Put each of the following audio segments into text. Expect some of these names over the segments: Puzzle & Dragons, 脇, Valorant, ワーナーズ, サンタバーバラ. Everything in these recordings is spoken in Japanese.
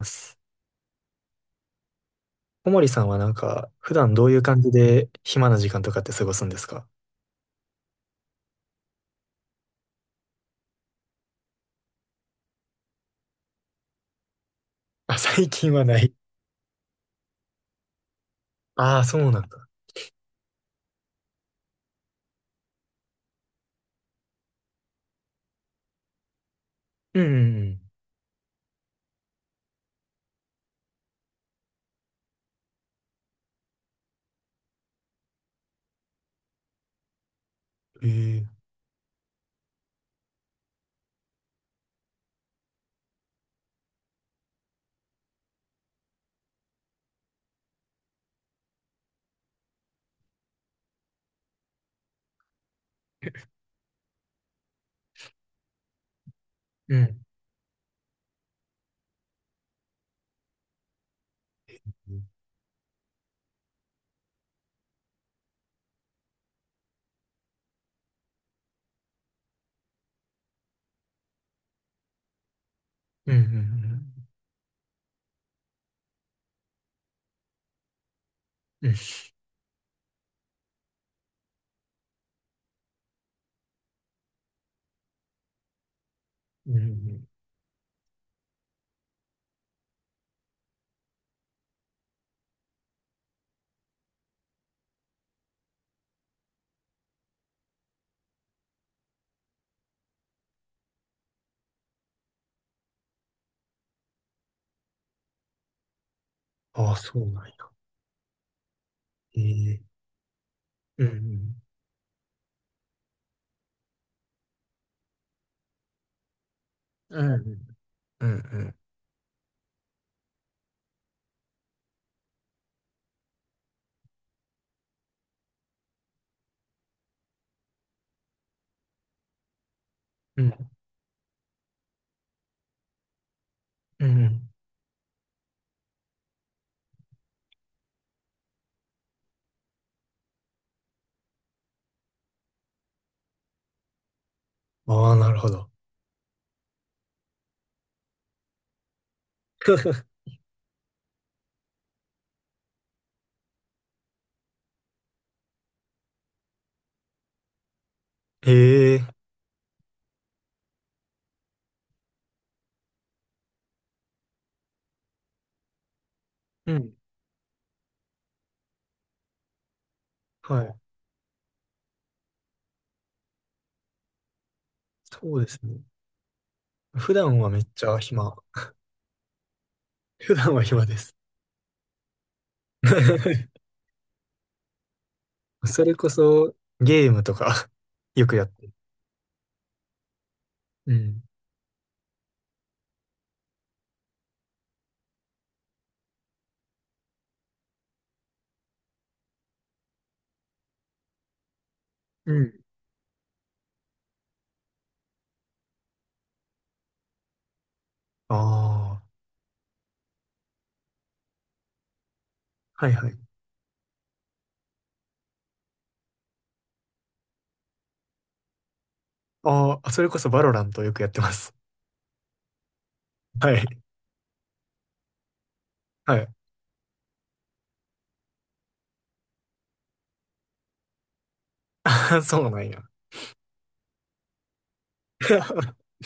ます。小森さんはなんか、普段どういう感じで暇な時間とかって過ごすんですか？ あ、最近はない。ああ、そうなんだ。うんうんうん。ええ。うん。うんうんうん。うんうんうん。ああ、そうなんや。ええ。うんうん。うんうんうん。うんうん。ああ、なるほど。ええ。うん。はい。そうですね。普段はめっちゃ暇。普段は暇です。それこそ、ゲームとか よくやってる。うんうん。ああ、はいはい。ああ、それこそバロラントよくやってます。はい。はい。ああ、そうなんや。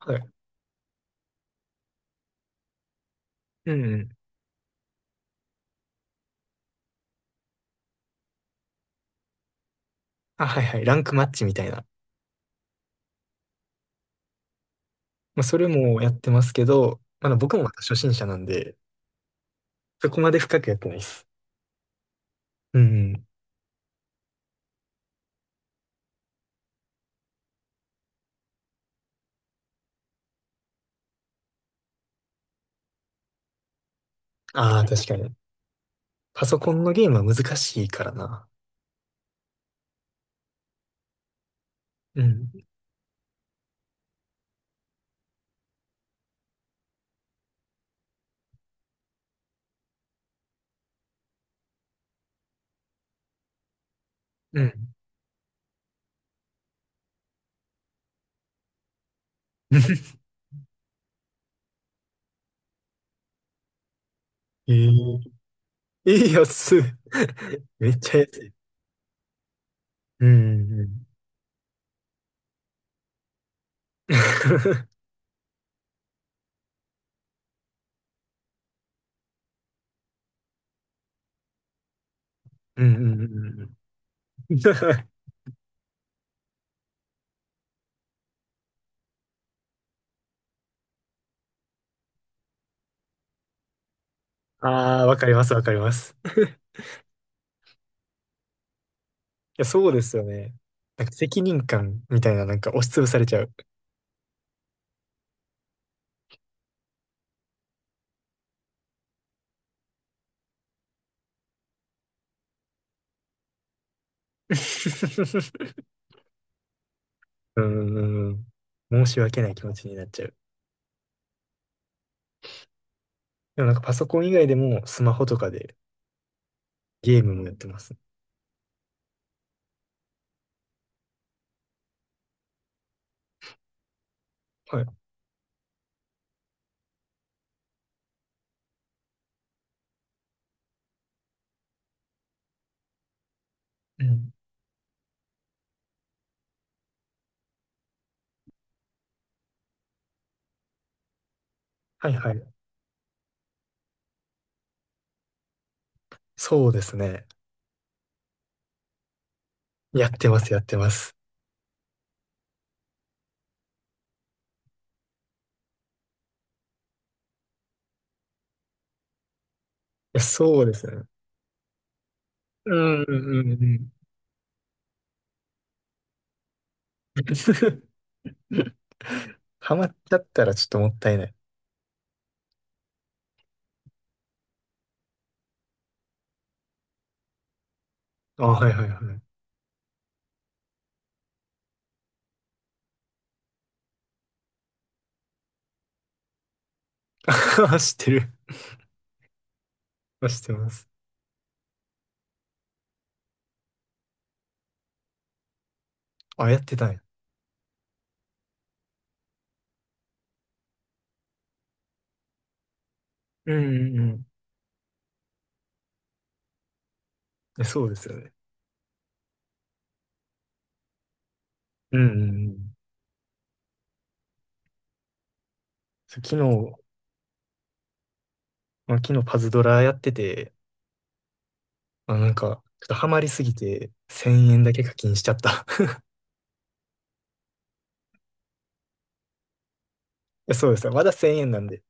はい。うんうん。あ、はいはい。ランクマッチみたいな。まあ、それもやってますけど、まだ僕もまた初心者なんで、そこまで深くやってないです。うんうん。ああ、確かに。パソコンのゲームは難しいからな。うん。うん。ええええ安い。めっちゃ安い。うんうんうん。うんうんうんうん。ああ、わかります、わかります。いや、そうですよね。なんか責任感みたいな、なんか押しつぶされちゃう。うんうんうん。申し訳ない気持ちになっちゃう。でもなんかパソコン以外でもスマホとかでゲームもやってます。はい。うんはいはい。そうですね。やってます、やってます。いや、そうですね。うんうんうんうん。ハマっちゃったらちょっともったいない。あ、はいはいはい。あ知ってる。知ってます。あ、やってたんや。うんうんうん。えそうですよね。うんうんうん。そう昨日、まあ、昨日パズドラやってて、まあ、なんか、ちょっとハマりすぎて、1000円だけ課金しちゃった。えそうですよ。まだ1000円なんで。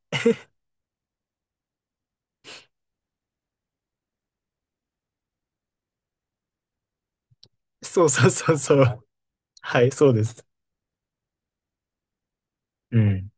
そうそうそうそう。はい、そうです。うん。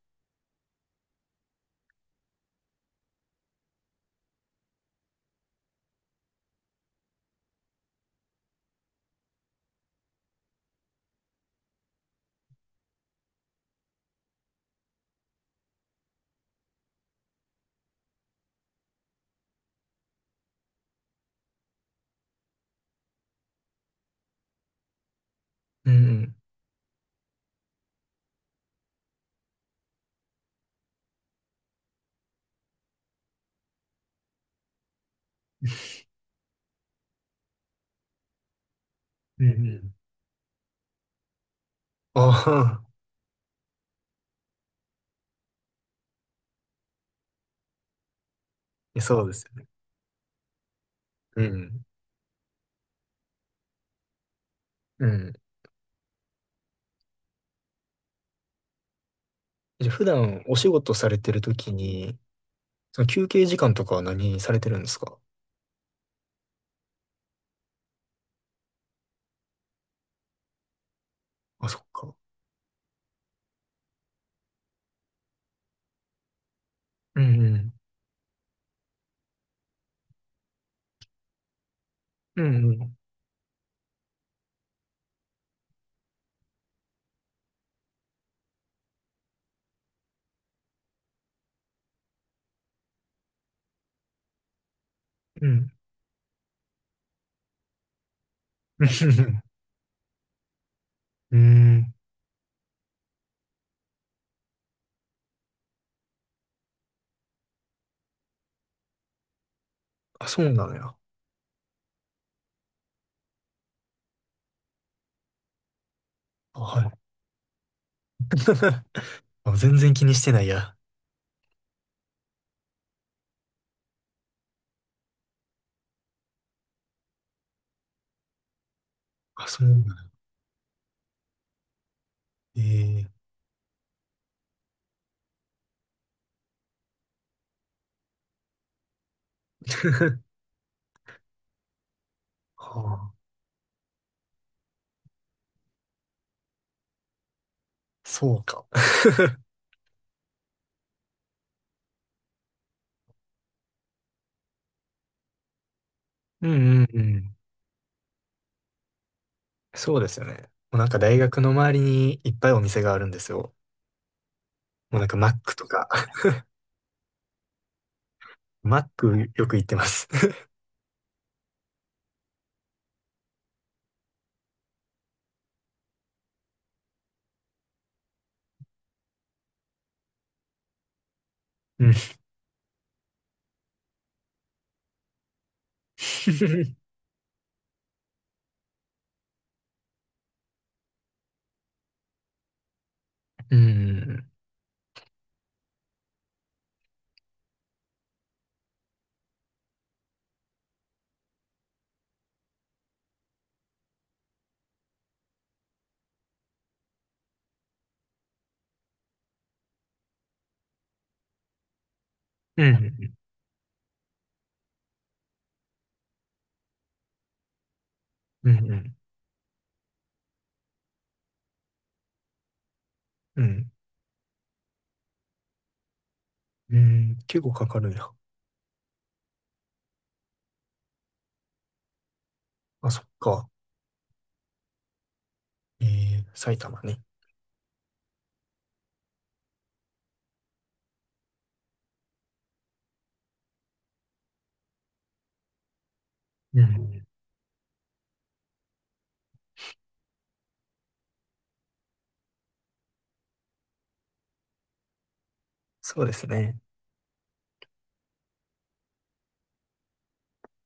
うんうん。うんうん。ああ、えそうですよね。うん。うん。じゃあ普段お仕事されてるときに、その休憩時間とかは何されてるんですか？あ、そっか。うんうん。うんうん。うん。うん。あ、そうなのや。あ、はい。あ全然気にしてないや。あ、そうなんだ。ええ はあ、そうか。うんうんうん。そうですよね。もうなんか大学の周りにいっぱいお店があるんですよ。もうなんかマックとか。マックよく行ってます。うん。うん。うん。うん。うん。うん。結構かかるんや。あ、そっか。ええ埼玉ね。うん。そうですね。